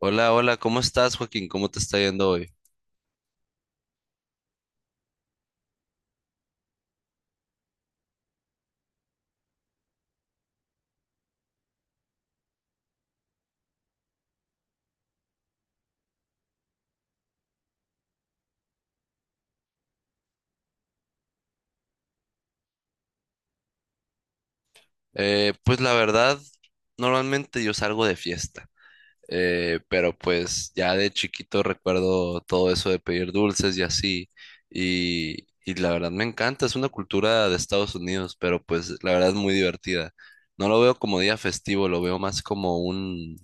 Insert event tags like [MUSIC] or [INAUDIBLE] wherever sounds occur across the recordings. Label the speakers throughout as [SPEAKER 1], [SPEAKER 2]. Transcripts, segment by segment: [SPEAKER 1] Hola, hola, ¿cómo estás, Joaquín? ¿Cómo te está yendo hoy? Pues la verdad, normalmente yo salgo de fiesta, pero pues ya de chiquito recuerdo todo eso de pedir dulces y así, y la verdad me encanta, es una cultura de Estados Unidos, pero pues la verdad es muy divertida. No lo veo como día festivo, lo veo más como un,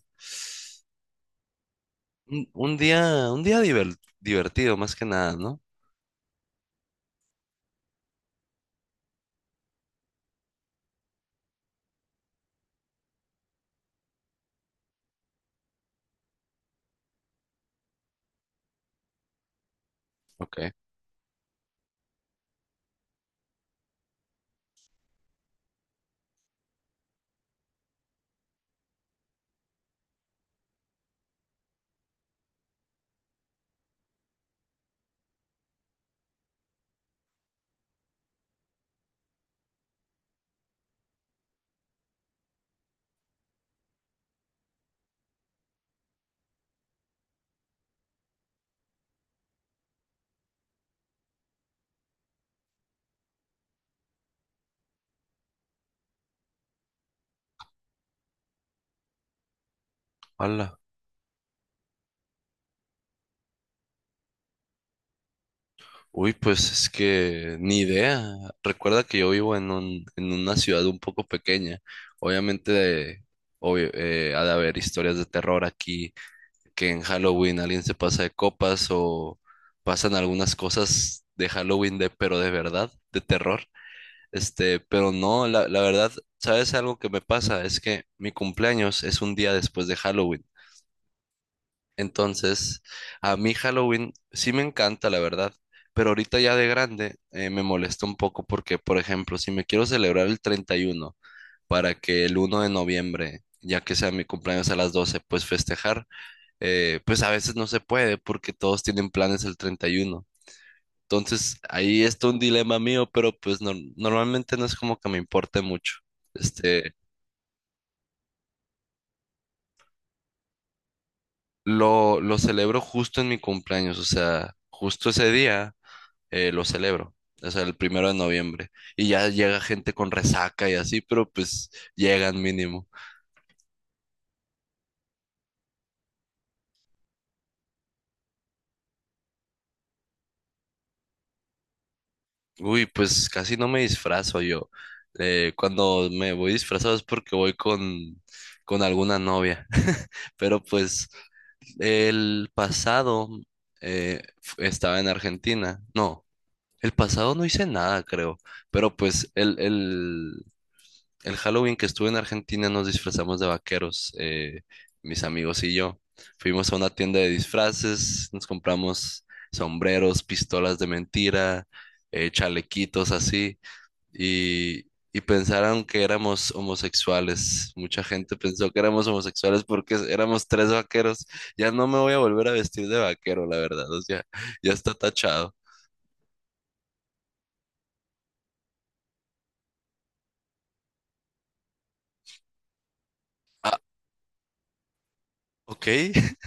[SPEAKER 1] un, un día, un día diver- divertido, más que nada, ¿no? Ok. Hola. Uy, pues es que ni idea. Recuerda que yo vivo en una ciudad un poco pequeña. Obviamente, obvio, ha de haber historias de terror aquí, que en Halloween alguien se pasa de copas o pasan algunas cosas de Halloween pero de verdad, de terror. Pero no, la verdad, ¿sabes algo que me pasa? Es que mi cumpleaños es un día después de Halloween. Entonces, a mí Halloween sí me encanta, la verdad, pero ahorita ya de grande me molesta un poco porque, por ejemplo, si me quiero celebrar el 31 para que el 1 de noviembre, ya que sea mi cumpleaños a las 12 pues festejar, pues a veces no se puede porque todos tienen planes el 31. Entonces, ahí está un dilema mío, pero pues normalmente no es como que me importe mucho. Este, lo celebro justo en mi cumpleaños, o sea, justo ese día lo celebro. O sea, el 1.º de noviembre. Y ya llega gente con resaca y así, pero pues llegan mínimo. Uy, pues casi no me disfrazo yo. Cuando me voy disfrazado es porque voy con alguna novia. [LAUGHS] Pero pues el pasado estaba en Argentina. No, el pasado no hice nada, creo. Pero pues el Halloween que estuve en Argentina nos disfrazamos de vaqueros, mis amigos y yo. Fuimos a una tienda de disfraces, nos compramos sombreros, pistolas de mentira, chalequitos así, y, y pensaron que éramos homosexuales. Mucha gente pensó que éramos homosexuales porque éramos tres vaqueros. Ya no me voy a volver a vestir de vaquero, la verdad, o sea, ya está tachado. Ah, ok. [LAUGHS]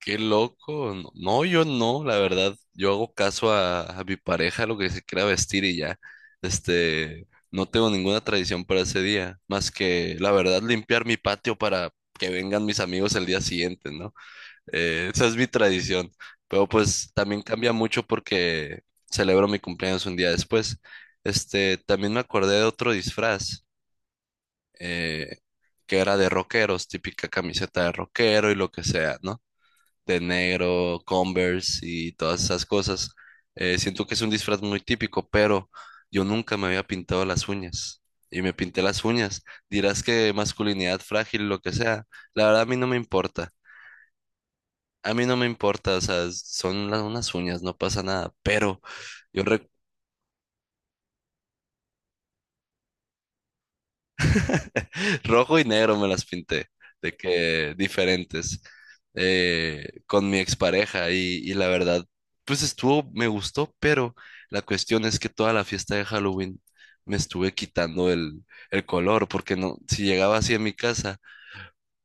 [SPEAKER 1] Qué loco. No, no, yo no, la verdad. Yo hago caso a mi pareja, lo que se quiera vestir y ya. No tengo ninguna tradición para ese día, más que, la verdad, limpiar mi patio para que vengan mis amigos el día siguiente, ¿no? Esa es mi tradición. Pero pues también cambia mucho porque celebro mi cumpleaños un día después. También me acordé de otro disfraz, eh, que era de rockeros, típica camiseta de rockero y lo que sea, ¿no? De negro, Converse y todas esas cosas. Siento que es un disfraz muy típico, pero yo nunca me había pintado las uñas y me pinté las uñas. Dirás que masculinidad frágil, lo que sea. La verdad a mí no me importa. A mí no me importa, o sea, son unas uñas, no pasa nada. Pero yo rojo y negro me las pinté, de que diferentes, con mi expareja y la verdad, pues estuvo, me gustó, pero la cuestión es que toda la fiesta de Halloween me estuve quitando el color, porque no, si llegaba así a mi casa,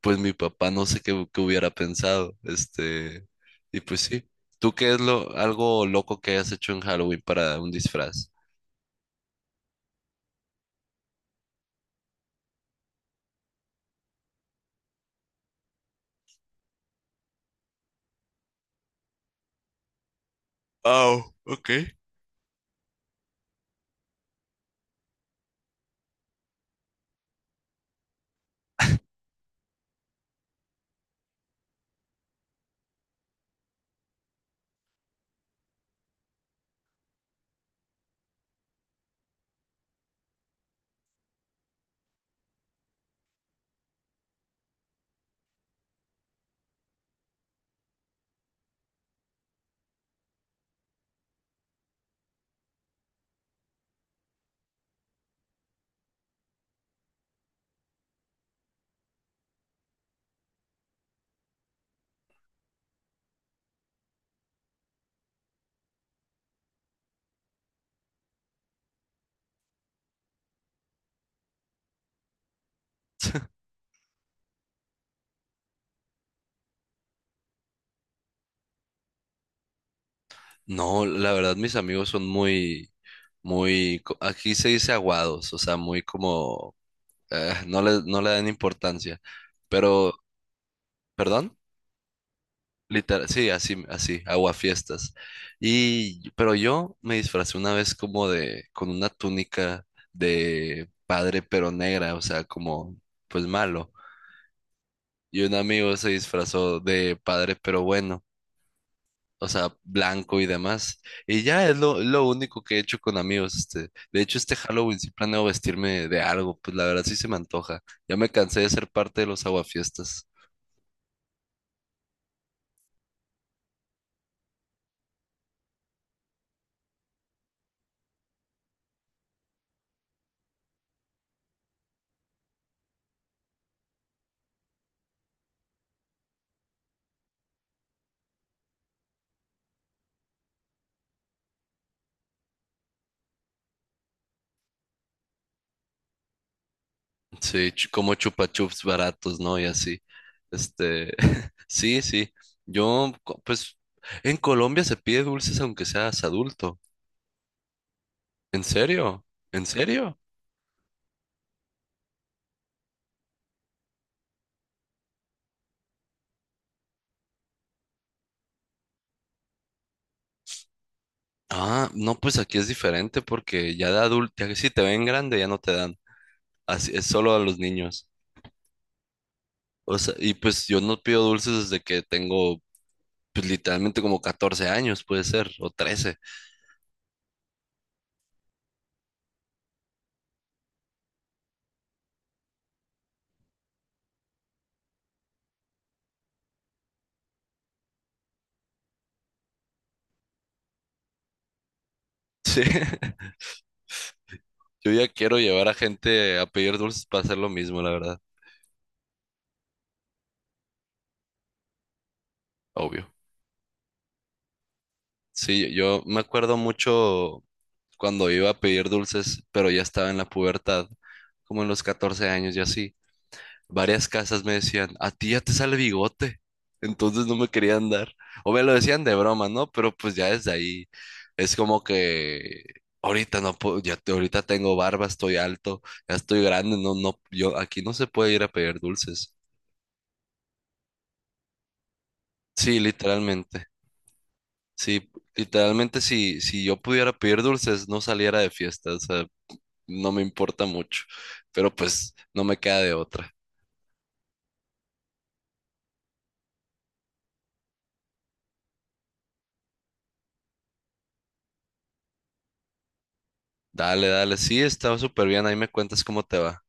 [SPEAKER 1] pues mi papá no sé qué hubiera pensado, y pues sí. ¿Tú qué es algo loco que hayas hecho en Halloween para un disfraz? Oh, ok. No, la verdad, mis amigos son muy, muy, aquí se dice aguados, o sea, muy como, no le dan importancia, pero, perdón, literal, sí, así, así, aguafiestas. Y, pero yo me disfracé una vez como con una túnica de padre pero negra, o sea, como, pues malo. Y un amigo se disfrazó de padre pero bueno. O sea, blanco y demás. Y ya es lo único que he hecho con amigos. De hecho, este Halloween sí planeo vestirme de algo, pues la verdad sí se me antoja. Ya me cansé de ser parte de los aguafiestas. Sí, como chupa chups baratos, ¿no? Y así. Este, [LAUGHS] sí, sí. Pues, en Colombia se pide dulces aunque seas adulto. ¿En serio? ¿En serio? Ah, no, pues aquí es diferente porque ya de adulto, ya que si te ven grande ya no te dan. Así es solo a los niños. O sea, y pues yo no pido dulces desde que tengo, pues literalmente como 14 años, puede ser, o 13. [LAUGHS] Sí, yo ya quiero llevar a gente a pedir dulces para hacer lo mismo, la verdad, obvio. Sí, yo me acuerdo mucho cuando iba a pedir dulces, pero ya estaba en la pubertad, como en los 14 años y así. Varias casas me decían, a ti ya te sale bigote, entonces no me querían dar. O me lo decían de broma, ¿no? Pero pues ya desde ahí es como que ahorita no puedo, ya ahorita tengo barba, estoy alto, ya estoy grande, no, no, yo aquí no se puede ir a pedir dulces. Sí, literalmente. Sí, literalmente si yo pudiera pedir dulces, no saliera de fiesta, o sea, no me importa mucho, pero pues no me queda de otra. Dale, dale, sí, está súper bien, ahí me cuentas cómo te va.